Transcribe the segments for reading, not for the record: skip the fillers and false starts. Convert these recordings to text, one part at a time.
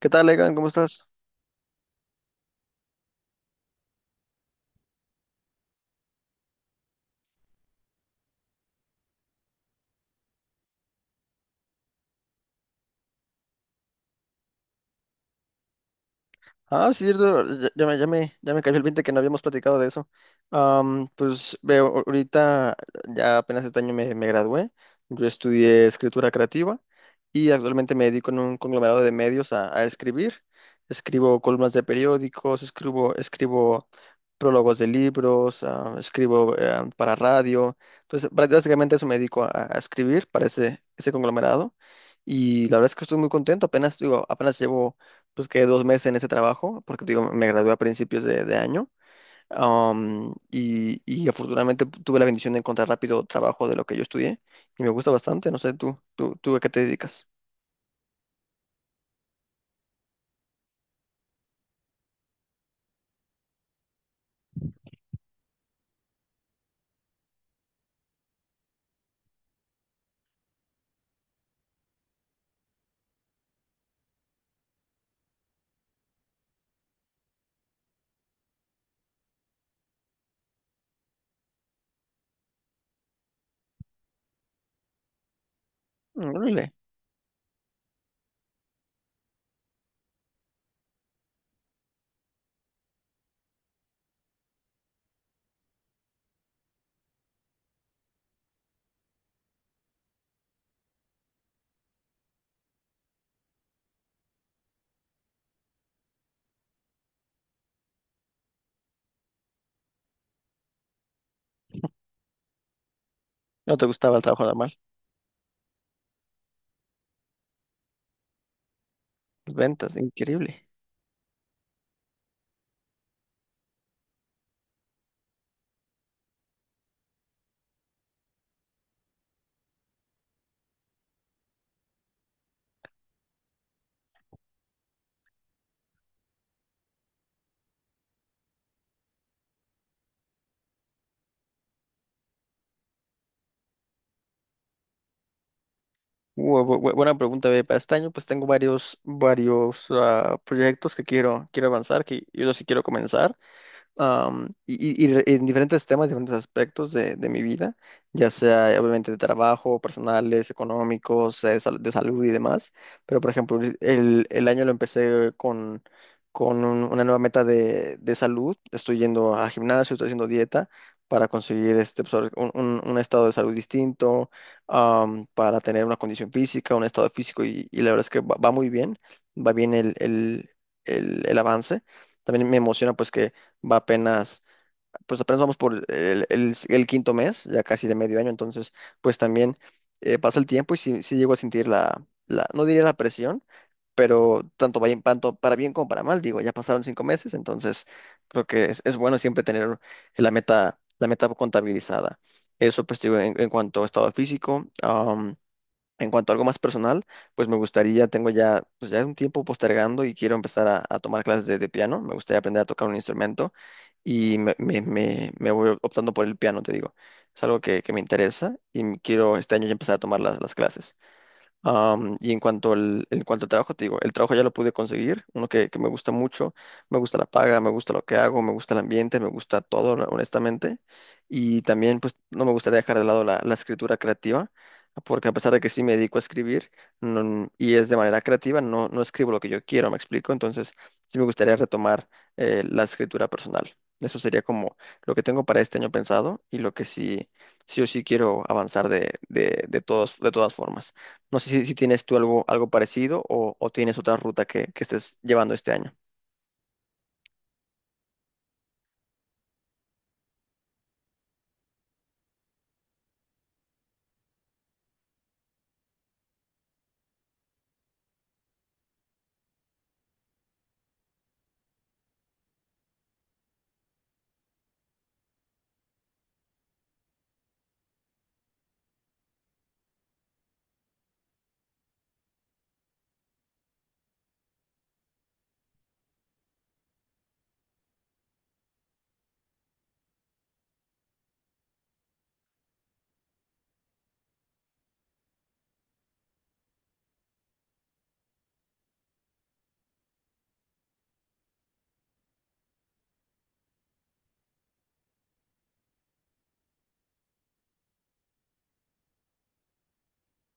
¿Qué tal, Egan? ¿Cómo estás? Ah, sí, cierto, ya me cayó el 20 que no habíamos platicado de eso. Pues veo, ahorita ya apenas este año me gradué. Yo estudié escritura creativa y actualmente me dedico en un conglomerado de medios a, escribir. Escribo columnas de periódicos, escribo prólogos de libros, escribo para radio. Entonces, básicamente eso me dedico a escribir para ese conglomerado. Y la verdad es que estoy muy contento. Apenas, digo, apenas llevo pues quedé dos meses en ese trabajo, porque te digo, me gradué a principios de año. Y afortunadamente tuve la bendición de encontrar rápido trabajo de lo que yo estudié y me gusta bastante. No sé, tú a qué te dedicas. Mm, órale, no te gustaba el trabajo normal. Las ventas, increíble. Buena pregunta, ve. Para este año, pues tengo varios proyectos que quiero avanzar, que, y los que quiero comenzar. Am, y re- En diferentes temas, diferentes aspectos de, mi vida, ya sea obviamente de trabajo, personales, económicos, de salud y demás. Pero, por ejemplo, el año lo empecé con, con una nueva meta de salud. Estoy yendo a gimnasio, estoy haciendo dieta para conseguir este, pues, ahora sí, un estado de salud distinto, para tener una condición física, un estado físico, y, la verdad es que va muy bien, va bien el avance. También me emociona pues que va apenas, pues apenas vamos por el quinto mes, ya casi de medio año, entonces pues también pasa el tiempo y sí, llego a sentir no diría la presión, pero tanto, tanto para bien como para mal, digo, ya pasaron cinco meses, entonces creo que es, bueno siempre tener la meta contabilizada. Eso pues digo, en cuanto a estado físico. En cuanto a algo más personal, pues me gustaría, tengo ya, pues ya un tiempo postergando y quiero empezar a, tomar clases de piano, me gustaría aprender a tocar un instrumento y me voy optando por el piano, te digo. Es algo que me interesa y quiero este año ya empezar a tomar las clases. Y en cuanto al trabajo, te digo, el trabajo ya lo pude conseguir, uno que me gusta mucho, me gusta la paga, me gusta lo que hago, me gusta el ambiente, me gusta todo, honestamente. Y también, pues, no me gustaría dejar de lado la, escritura creativa, porque a pesar de que sí me dedico a escribir y es de manera creativa, no escribo lo que yo quiero, me explico. Entonces, sí me gustaría retomar la escritura personal. Eso sería como lo que tengo para este año pensado y lo que sí o sí quiero avanzar de todas formas. No sé si, tienes tú algo parecido o, tienes otra ruta que estés llevando este año.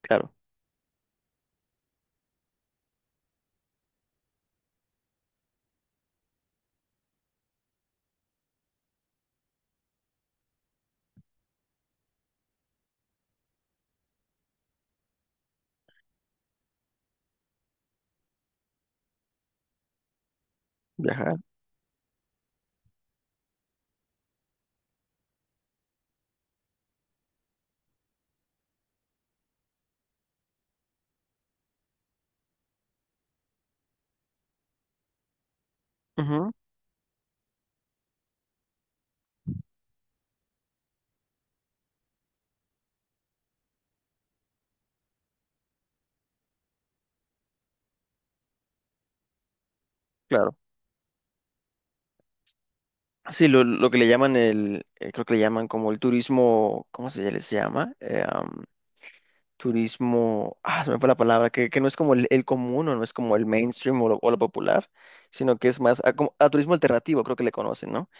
Claro, viajar. Ujú, claro. Sí, lo, que le llaman creo que le llaman como el turismo, ¿cómo se les llama? Turismo, se me fue la palabra, que, no es como el común o no es como el mainstream o lo popular, sino que es más a, a turismo alternativo, creo que le conocen, ¿no?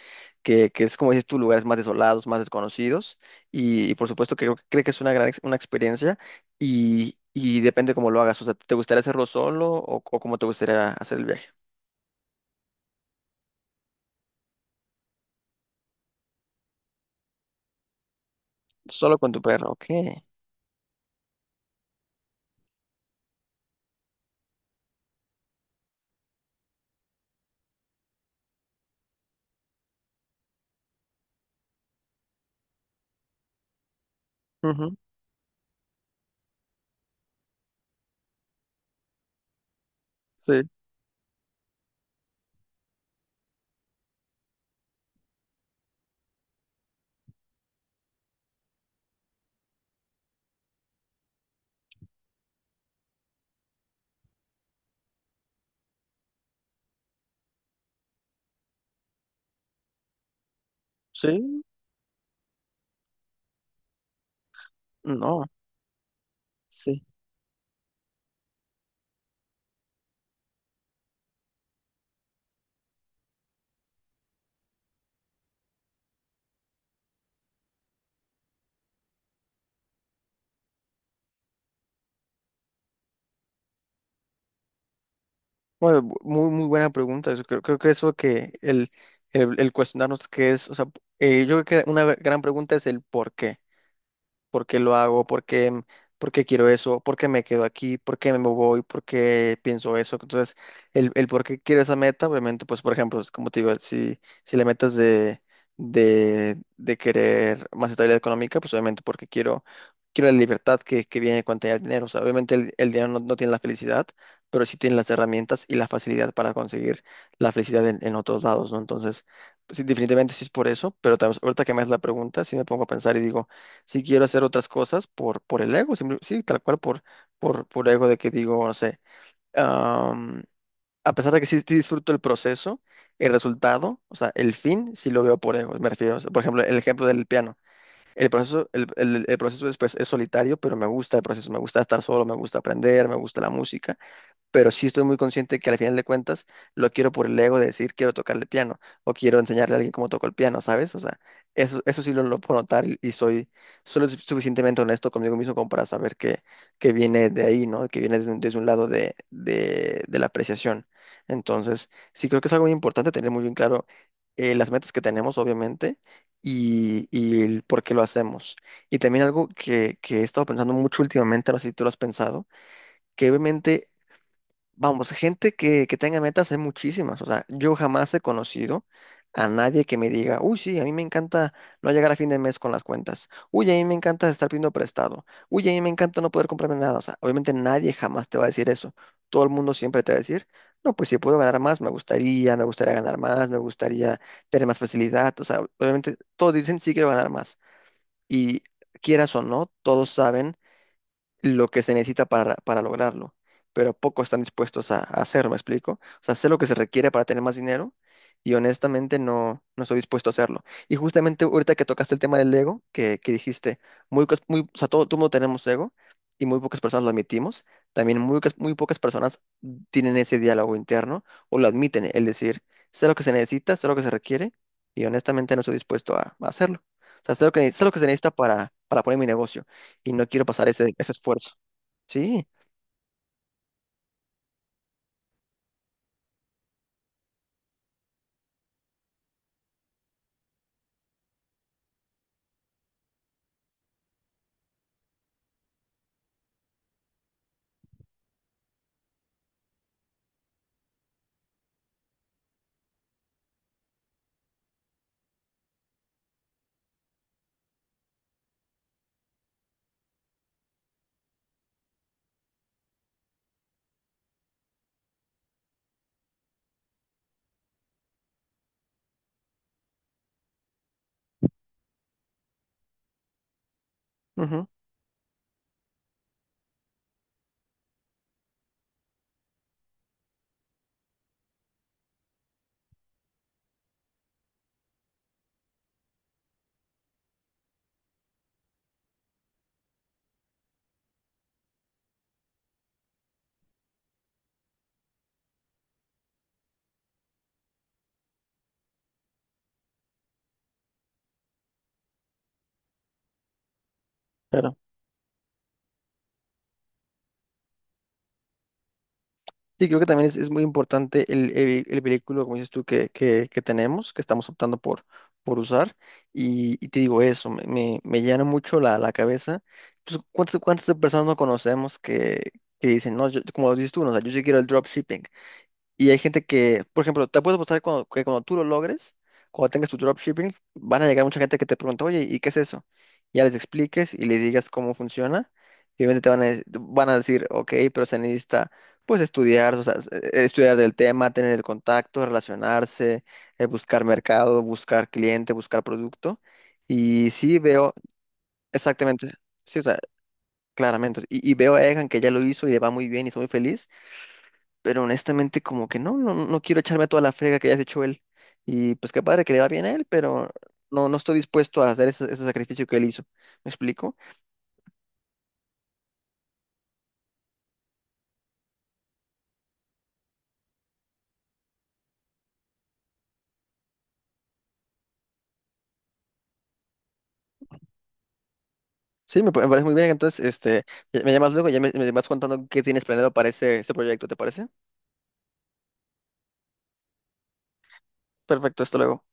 que, es como dices tú, lugares más desolados, más desconocidos, y, por supuesto que creo que es una experiencia y depende cómo lo hagas, o sea, ¿te gustaría hacerlo solo o cómo te gustaría hacer el viaje? Solo con tu perro, ok. Ujú. Sí, sí, no, sí. Bueno, muy, muy buena pregunta. Eso creo, que eso que el cuestionarnos qué es, o sea, yo creo que una gran pregunta es el por qué. Por qué lo hago, por qué quiero eso, por qué me quedo aquí, por qué me voy, por qué pienso eso. Entonces, el, por qué quiero esa meta, obviamente, pues, por ejemplo, es como te digo, si, la meta es de querer más estabilidad económica, pues obviamente porque quiero, quiero la libertad que, viene con tener dinero. O sea, obviamente el, dinero no tiene la felicidad, pero sí tiene las herramientas y la facilidad para conseguir la felicidad en otros lados, ¿no? Entonces, pues, sí, definitivamente sí es por eso, pero ahorita que me haces la pregunta, sí me pongo a pensar y digo, si quiero hacer otras cosas por, el ego, sí, tal cual por ego de que digo, no sé, am, a pesar de que sí disfruto el proceso, el resultado, o sea, el fin, sí lo veo por ego, me refiero, o sea, por ejemplo, el ejemplo del piano, el proceso, el proceso es, pues, es solitario, pero me gusta el proceso, me gusta estar solo, me gusta aprender, me gusta la música, pero sí estoy muy consciente que al final de cuentas lo quiero por el ego de decir quiero tocarle piano o quiero enseñarle a alguien cómo toco el piano, ¿sabes? O sea, eso, sí lo puedo notar y soy, soy lo suficientemente honesto conmigo mismo como para saber que viene de ahí, ¿no? Que viene desde un, lado de la apreciación. Entonces, sí creo que es algo muy importante tener muy bien claro las metas que tenemos, obviamente, y, el por qué lo hacemos. Y también algo que he estado pensando mucho últimamente, no sé si tú lo has pensado que obviamente. Vamos, gente que tenga metas hay muchísimas. O sea, yo jamás he conocido a nadie que me diga, uy, sí, a mí me encanta no llegar a fin de mes con las cuentas. Uy, a mí me encanta estar pidiendo prestado. Uy, a mí me encanta no poder comprarme nada. O sea, obviamente nadie jamás te va a decir eso. Todo el mundo siempre te va a decir, no, pues si puedo ganar más, me gustaría, ganar más, me gustaría tener más facilidad. O sea, obviamente todos dicen, sí quiero ganar más. Y quieras o no, todos saben lo que se necesita para, lograrlo, pero pocos están dispuestos a hacerlo, ¿me explico? O sea, sé lo que se requiere para tener más dinero y honestamente no, estoy dispuesto a hacerlo. Y justamente ahorita que tocaste el tema del ego, que, dijiste, o sea, todo mundo tenemos ego y muy pocas personas lo admitimos, también muy, muy pocas personas tienen ese diálogo interno o lo admiten, el decir, sé lo que se necesita, sé lo que se requiere y honestamente no estoy dispuesto a, hacerlo. O sea, sé lo que se necesita para, poner mi negocio y no quiero pasar ese esfuerzo. Sí, ujú, claro. Sí, creo que también es, muy importante el vehículo, como dices tú, que tenemos, que estamos optando por usar. y, te digo eso, me llena mucho la, cabeza. Entonces, ¿cuántas personas no conocemos que dicen, no, como dices tú, no, o sea, yo sí quiero el dropshipping? Y hay gente que, por ejemplo, te puedo apostar que cuando tú lo logres, cuando tengas tu dropshipping, van a llegar mucha gente que te pregunta, oye, ¿y qué es eso? Ya les expliques y les digas cómo funciona. Y obviamente te van a decir, ok, pero se necesita, pues, estudiar, o sea, estudiar del tema, tener el contacto, relacionarse, buscar mercado, buscar cliente, buscar producto. Y sí veo exactamente, sí, o sea, claramente. Y veo a Egan que ya lo hizo y le va muy bien y está muy feliz, pero honestamente como que no quiero echarme a toda la frega que ya se echó él. Y pues qué padre que le va bien a él, pero no, estoy dispuesto a hacer ese sacrificio que él hizo. ¿Me explico? Sí, me parece muy bien. Entonces, me llamas luego, ya me, vas contando qué tienes planeado para ese, proyecto, ¿te parece? Perfecto, hasta luego.